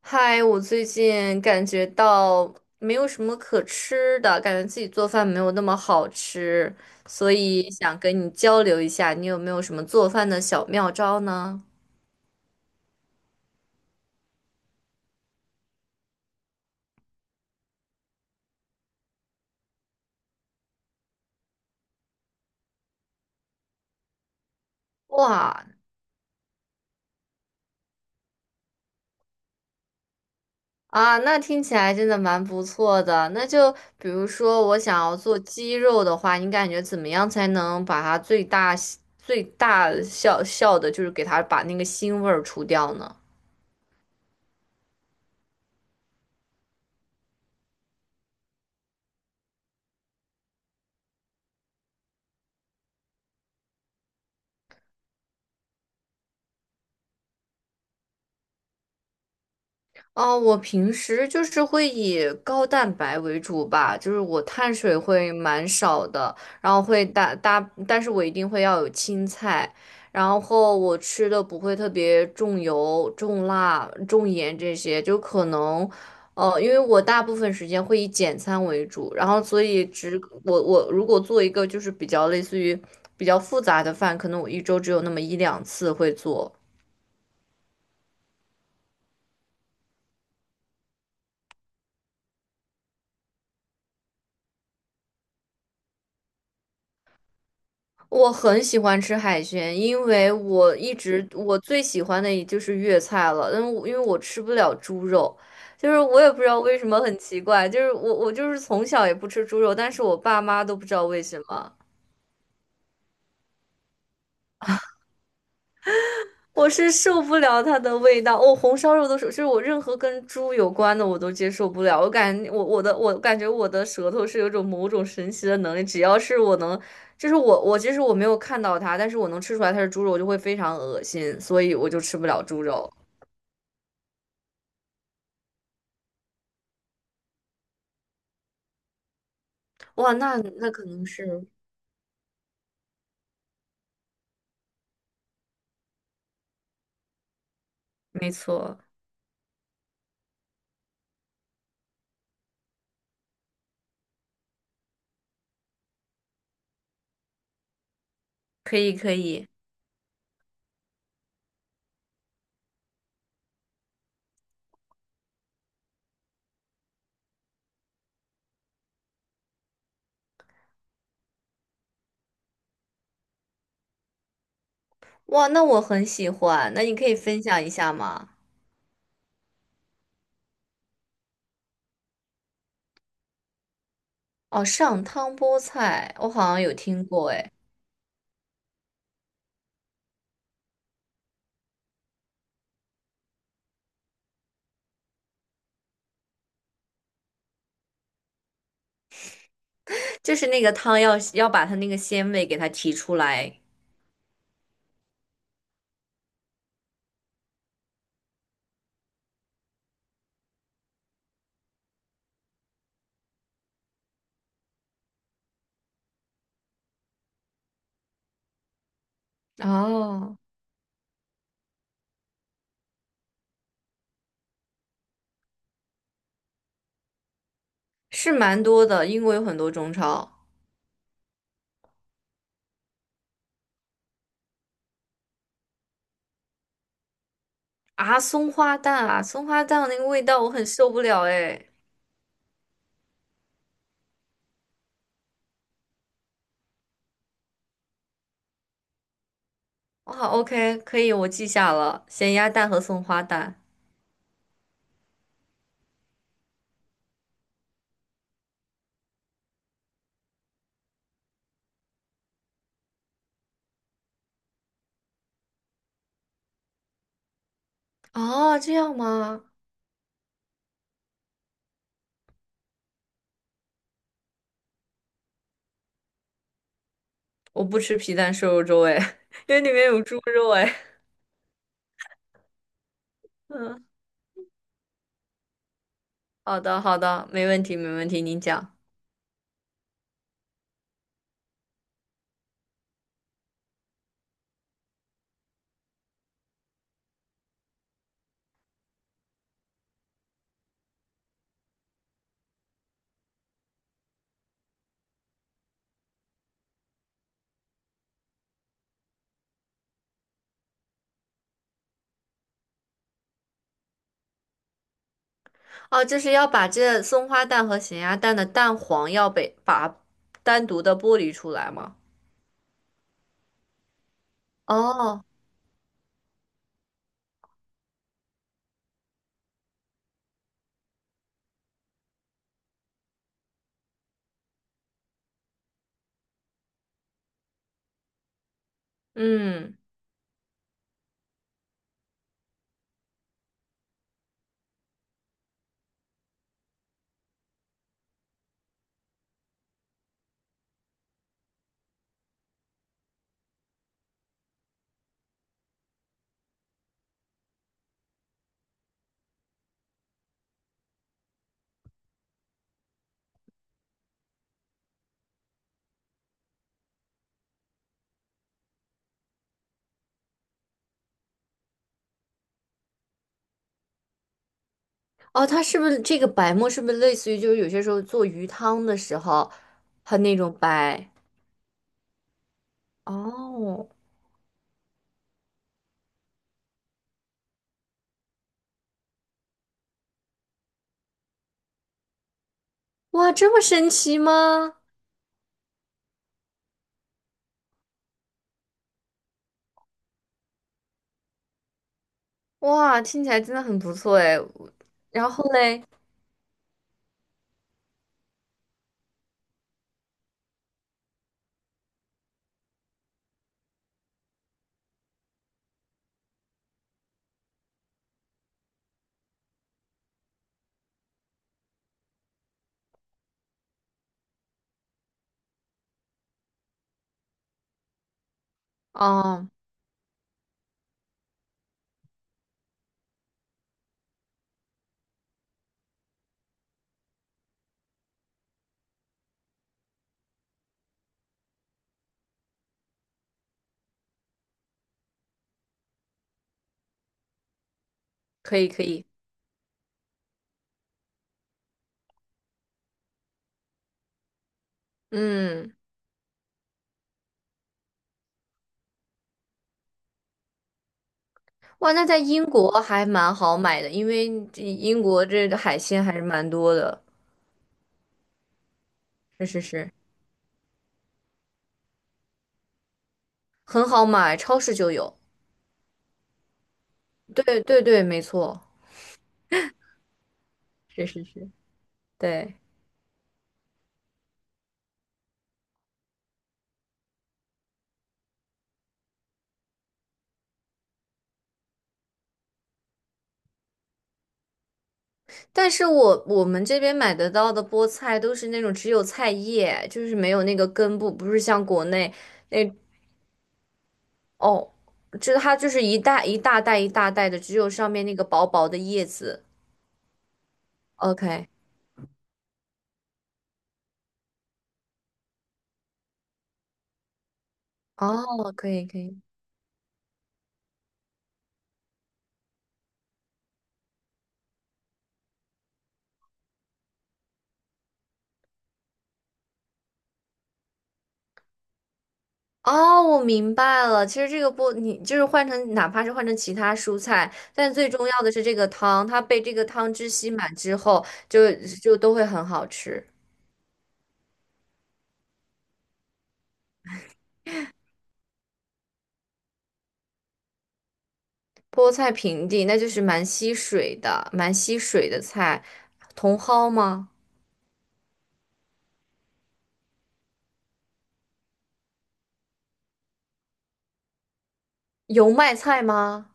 嗨，我最近感觉到没有什么可吃的，感觉自己做饭没有那么好吃，所以想跟你交流一下，你有没有什么做饭的小妙招呢？哇啊，那听起来真的蛮不错的。那就比如说，我想要做鸡肉的话，你感觉怎么样才能把它最大效效的，就是给它把那个腥味儿除掉呢？哦，我平时就是会以高蛋白为主吧，就是我碳水会蛮少的，然后会大大，但是我一定会要有青菜，然后我吃的不会特别重油、重辣、重盐这些，就可能，因为我大部分时间会以简餐为主，然后所以只我如果做一个就是比较类似于比较复杂的饭，可能我一周只有那么一两次会做。我很喜欢吃海鲜，因为我一直我最喜欢的也就是粤菜了。但我因为吃不了猪肉，就是我也不知道为什么，很奇怪，就是我就是从小也不吃猪肉，但是我爸妈都不知道为什么。我是受不了它的味道，我、红烧肉都是，就是我任何跟猪有关的我都接受不了。我感觉我的舌头是有种某种神奇的能力，只要是我能，就是我我其实我没有看到它，但是我能吃出来它是猪肉，我就会非常恶心，所以我就吃不了猪肉。哇，那那可能是没错，可以可以。哇，那我很喜欢，那你可以分享一下吗？哦，上汤菠菜，我好像有听过，就是那个汤要把它那个鲜味给它提出来。哦，是蛮多的，英国有很多中超啊，松花蛋啊，松花蛋那个味道我很受不了哎。哇，OK，可以，我记下了，咸鸭蛋和松花蛋。哦，这样吗？我不吃皮蛋瘦肉粥哎，因为里面有猪肉哎。嗯，好的好的，没问题没问题，您讲。哦，就是要把这松花蛋和咸鸭蛋的蛋黄要被把单独的剥离出来吗？哦嗯，哦，它是不是这个白沫是不是类似于就是有些时候做鱼汤的时候，它那种白？哦，哇，这么神奇吗？哇，听起来真的很不错哎。我然后嘞，哦，可以可以，嗯，哇，那在英国还蛮好买的，因为这英国这个海鲜还是蛮多的，是是是，很好买，超市就有。对对对，没错，是是是，对。但是我们这边买得到的菠菜都是那种只有菜叶，就是没有那个根部，不是像国内那哦，这它就是一大袋一大袋的，只有上面那个薄薄的叶子。OK，哦，可以可以，哦，我明白了。其实这个菠，你就是换成哪怕是换成其他蔬菜，但最重要的是这个汤，它被这个汤汁吸满之后，就就都会很好吃。菠菜平地，那就是蛮吸水的，蛮吸水的菜。茼蒿吗？油麦菜吗？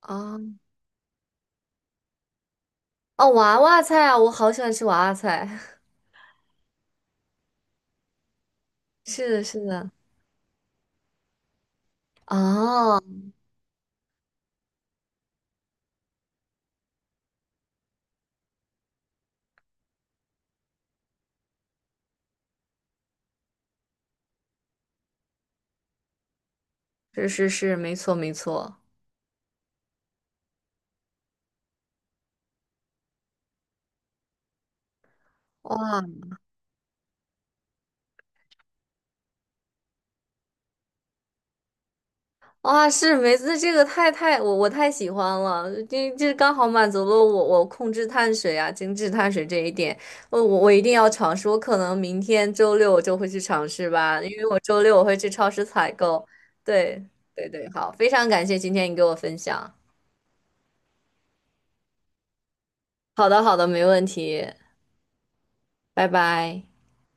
啊，哦，娃娃菜啊，我好喜欢吃娃娃菜。是的，是的，啊，是是是，没错没错。哇，哇，是梅子这个太太我我太喜欢了，这刚好满足了我控制碳水啊、精致碳水这一点，我一定要尝试，我可能明天周六我就会去尝试吧，因为我周六我会去超市采购。对对对，好，非常感谢今天你给我分享。好的好的，没问题，拜拜。